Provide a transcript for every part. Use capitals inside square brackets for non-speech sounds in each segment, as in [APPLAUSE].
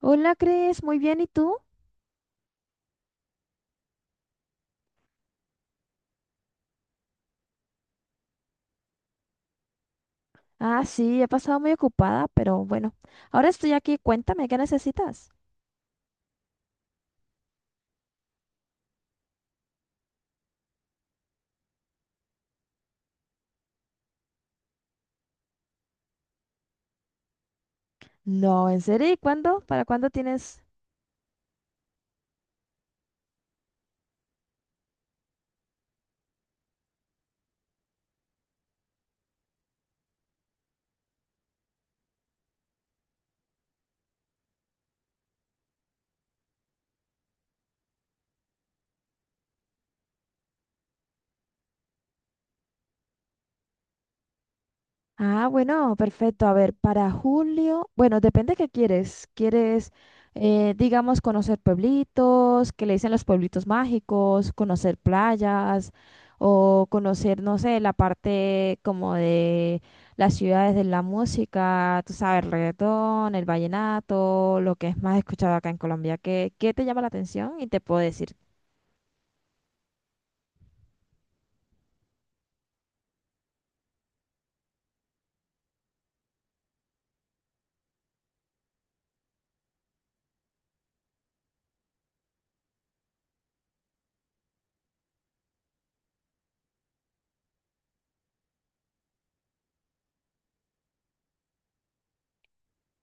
Hola, Cris, muy bien, ¿y tú? Ah, sí, he pasado muy ocupada, pero bueno, ahora estoy aquí, cuéntame, ¿qué necesitas? No, ¿en serio? ¿Y cuándo? ¿Para cuándo tienes? Ah, bueno, perfecto. A ver, para julio, bueno, depende qué quieres. ¿Quieres, digamos, conocer pueblitos, que le dicen los pueblitos mágicos, conocer playas o conocer, no sé, la parte como de las ciudades de la música, tú sabes, el reggaetón, el vallenato, lo que es más escuchado acá en Colombia? ¿Qué te llama la atención? Y te puedo decir.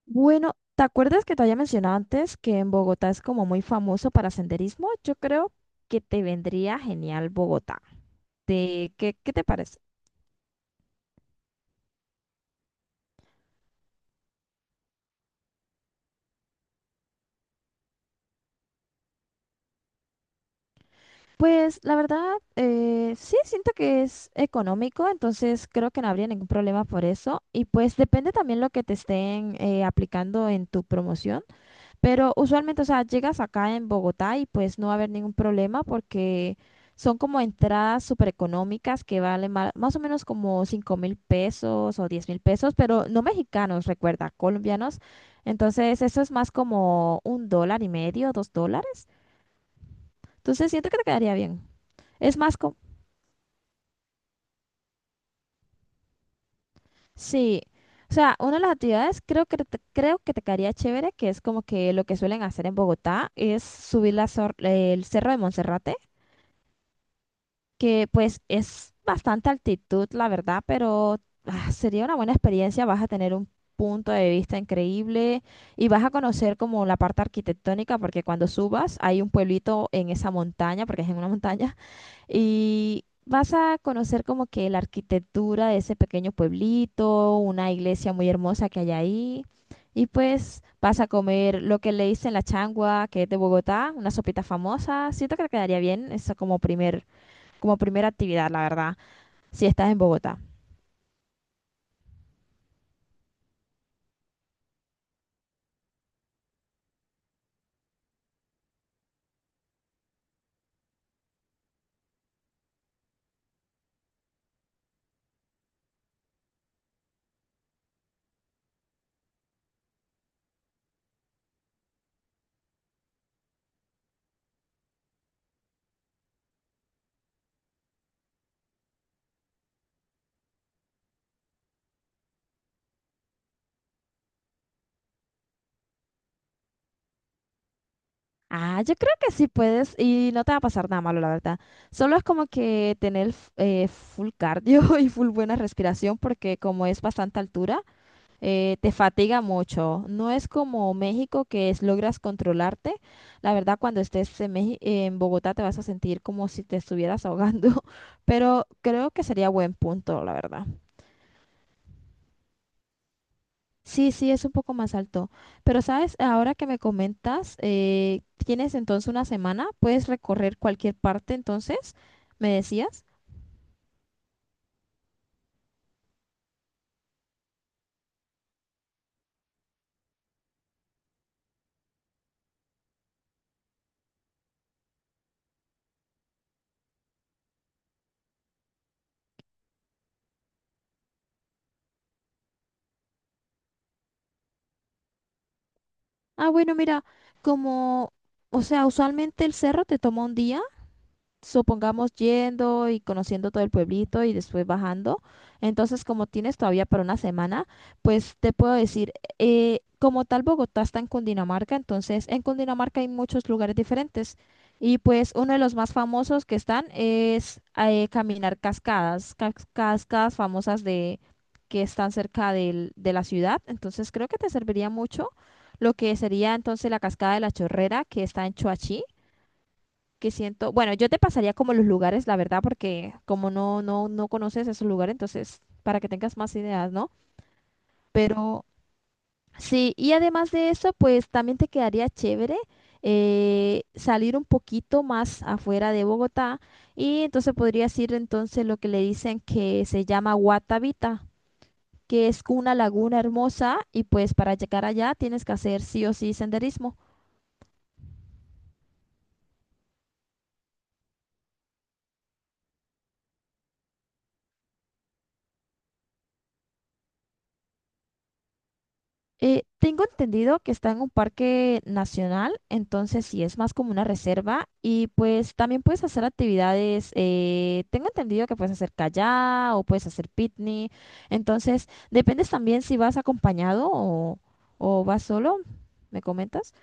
Bueno, ¿te acuerdas que te había mencionado antes que en Bogotá es como muy famoso para senderismo? Yo creo que te vendría genial Bogotá. ¿Qué te parece? Pues la verdad, sí, siento que es económico, entonces creo que no habría ningún problema por eso. Y pues depende también lo que te estén aplicando en tu promoción. Pero usualmente, o sea, llegas acá en Bogotá y pues no va a haber ningún problema porque son como entradas súper económicas que valen más o menos como 5.000 pesos o 10.000 pesos, pero no mexicanos, recuerda, colombianos. Entonces, eso es más como un dólar y medio, 2 dólares. Entonces, siento que te quedaría bien. Es más como, sí. O sea, una de las actividades creo que te quedaría chévere, que es como que lo que suelen hacer en Bogotá, es subir el cerro de Monserrate, que pues es bastante altitud, la verdad, pero ah, sería una buena experiencia. Vas a tener un punto de vista increíble y vas a conocer como la parte arquitectónica, porque cuando subas hay un pueblito en esa montaña, porque es en una montaña, [LAUGHS] y vas a conocer como que la arquitectura de ese pequeño pueblito, una iglesia muy hermosa que hay ahí. Y pues vas a comer lo que le dicen la changua, que es de Bogotá, una sopita famosa. Siento que te quedaría bien, eso como primera actividad, la verdad, si estás en Bogotá. Ah, yo creo que sí puedes y no te va a pasar nada malo, la verdad. Solo es como que tener full cardio [LAUGHS] y full buena respiración porque como es bastante altura, te fatiga mucho. No es como México, que es, logras controlarte. La verdad, cuando estés en Bogotá te vas a sentir como si te estuvieras ahogando, [LAUGHS] pero creo que sería buen punto, la verdad. Sí, sí, es un poco más alto. Pero sabes, ahora que me comentas, tienes entonces una semana, puedes recorrer cualquier parte, entonces, me decías. Ah, bueno, mira, como, o sea, usualmente el cerro te toma un día, supongamos, yendo y conociendo todo el pueblito y después bajando. Entonces, como tienes todavía para una semana, pues te puedo decir, como tal Bogotá está en Cundinamarca, entonces en Cundinamarca hay muchos lugares diferentes. Y pues uno de los más famosos que están es caminar cascadas, cascadas famosas de que están cerca de la ciudad. Entonces creo que te serviría mucho lo que sería entonces la cascada de la Chorrera, que está en Choachí, que siento, bueno, yo te pasaría como los lugares, la verdad, porque como no, no, no conoces esos lugares, entonces, para que tengas más ideas, ¿no? Pero sí, y además de eso, pues también te quedaría chévere salir un poquito más afuera de Bogotá, y entonces podrías ir entonces lo que le dicen que se llama Guatavita, que es una laguna hermosa, y pues para llegar allá tienes que hacer sí o sí senderismo. Tengo entendido que está en un parque nacional, entonces sí es más como una reserva, y pues también puedes hacer actividades. Tengo entendido que puedes hacer kayak o puedes hacer picnic, entonces dependes también si vas acompañado o, vas solo, ¿me comentas?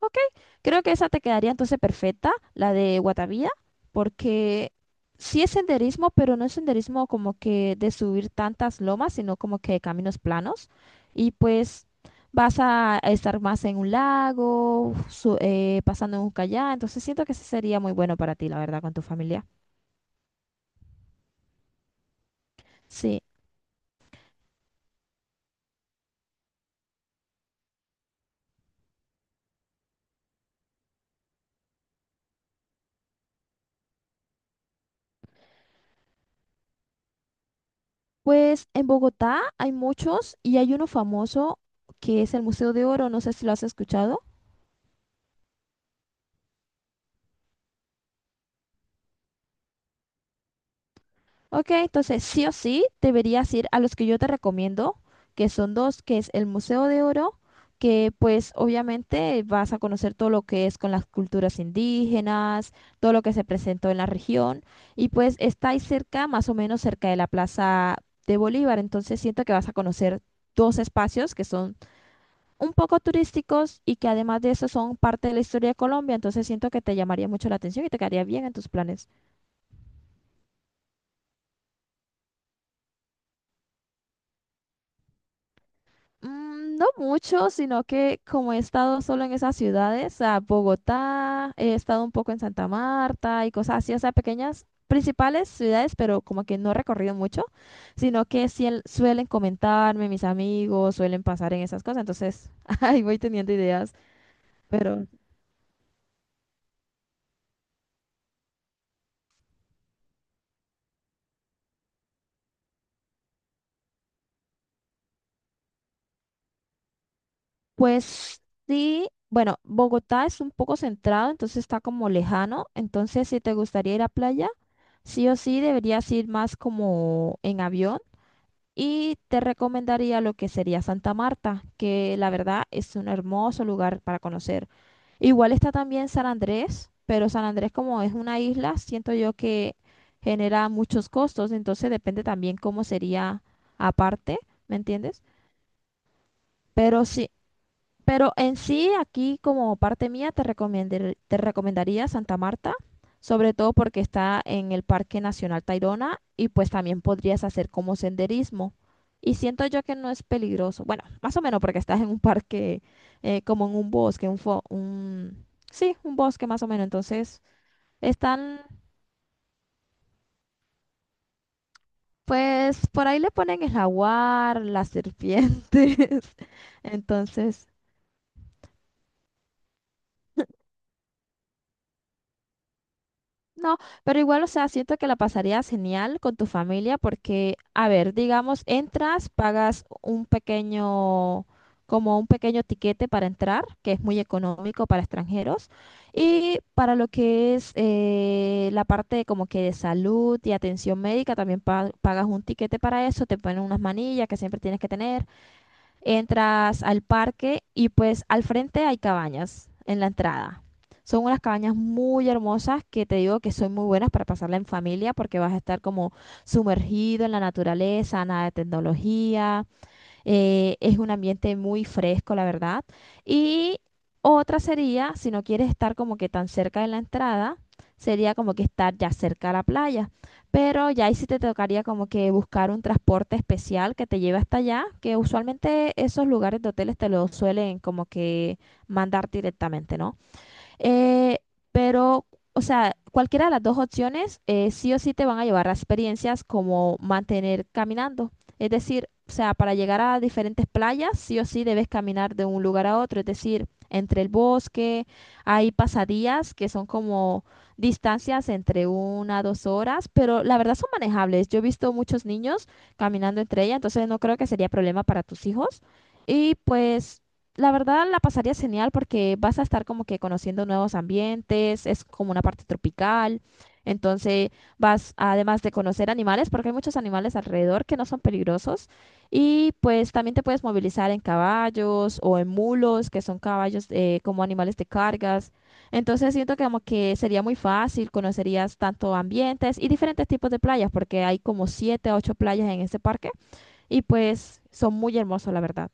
Ok, creo que esa te quedaría entonces perfecta, la de Guatavía, porque sí es senderismo, pero no es senderismo como que de subir tantas lomas, sino como que caminos planos. Y pues vas a estar más en un lago, pasando en un kayak, entonces siento que sí sería muy bueno para ti, la verdad, con tu familia. Sí, pues en Bogotá hay muchos y hay uno famoso, que es el Museo de Oro, no sé si lo has escuchado. Ok, entonces sí o sí deberías ir a los que yo te recomiendo, que son dos, que es el Museo de Oro, que pues obviamente vas a conocer todo lo que es con las culturas indígenas, todo lo que se presentó en la región, y pues está ahí cerca, más o menos cerca de la Plaza de Bolívar, entonces siento que vas a conocer dos espacios que son un poco turísticos y que además de eso son parte de la historia de Colombia, entonces siento que te llamaría mucho la atención y te quedaría bien en tus planes. Mm, no mucho, sino que como he estado solo en esas ciudades, o sea, Bogotá, he estado un poco en Santa Marta y cosas así, o sea, pequeñas principales ciudades, pero como que no he recorrido mucho, sino que sí suelen comentarme mis amigos, suelen pasar en esas cosas, entonces [LAUGHS] ahí voy teniendo ideas, pero pues sí, bueno, Bogotá es un poco centrado, entonces está como lejano, entonces si te gustaría ir a playa, sí o sí deberías ir más como en avión. Y te recomendaría lo que sería Santa Marta, que la verdad es un hermoso lugar para conocer. Igual está también San Andrés, pero San Andrés como es una isla, siento yo que genera muchos costos, entonces depende también cómo sería aparte, ¿me entiendes? Pero sí, pero en sí, aquí como parte mía, te recomendaría Santa Marta, sobre todo porque está en el Parque Nacional Tayrona, y pues también podrías hacer como senderismo. Y siento yo que no es peligroso. Bueno, más o menos porque estás en un parque, como en un bosque, sí, un bosque más o menos. Entonces, están, pues por ahí le ponen el jaguar, las serpientes. [LAUGHS] Entonces, no, pero igual, o sea, siento que la pasarías genial con tu familia porque, a ver, digamos, entras, pagas un pequeño, como un pequeño tiquete para entrar, que es muy económico para extranjeros, y para lo que es la parte como que de salud y atención médica, también pagas un tiquete para eso, te ponen unas manillas que siempre tienes que tener, entras al parque y pues al frente hay cabañas en la entrada. Son unas cabañas muy hermosas, que te digo que son muy buenas para pasarla en familia, porque vas a estar como sumergido en la naturaleza, nada de tecnología. Es un ambiente muy fresco, la verdad. Y otra sería, si no quieres estar como que tan cerca de la entrada, sería como que estar ya cerca a la playa. Pero ya ahí sí te tocaría como que buscar un transporte especial que te lleve hasta allá, que usualmente esos lugares de hoteles te lo suelen como que mandar directamente, ¿no? Eh, pero, o sea, cualquiera de las dos opciones sí o sí te van a llevar a experiencias como mantener caminando. Es decir, o sea, para llegar a diferentes playas, sí o sí debes caminar de un lugar a otro. Es decir, entre el bosque, hay pasadías que son como distancias entre una a dos horas, pero la verdad son manejables. Yo he visto muchos niños caminando entre ellas, entonces no creo que sería problema para tus hijos. Y pues, la verdad, la pasaría genial porque vas a estar como que conociendo nuevos ambientes, es como una parte tropical, entonces vas, además de conocer animales, porque hay muchos animales alrededor que no son peligrosos, y pues también te puedes movilizar en caballos o en mulos, que son caballos, como animales de cargas, entonces siento que como que sería muy fácil, conocerías tanto ambientes y diferentes tipos de playas, porque hay como siete a ocho playas en este parque, y pues son muy hermosos, la verdad.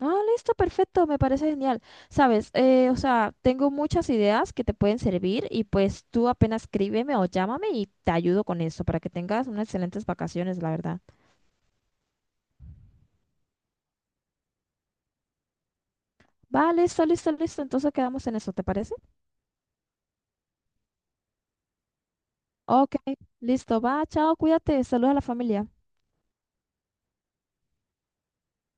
Ah, listo, perfecto, me parece genial. Sabes, o sea, tengo muchas ideas que te pueden servir, y pues tú apenas escríbeme o llámame y te ayudo con eso para que tengas unas excelentes vacaciones, la verdad. Va, listo, listo, listo. Entonces quedamos en eso, ¿te parece? Ok, listo, va, chao, cuídate, saluda a la familia.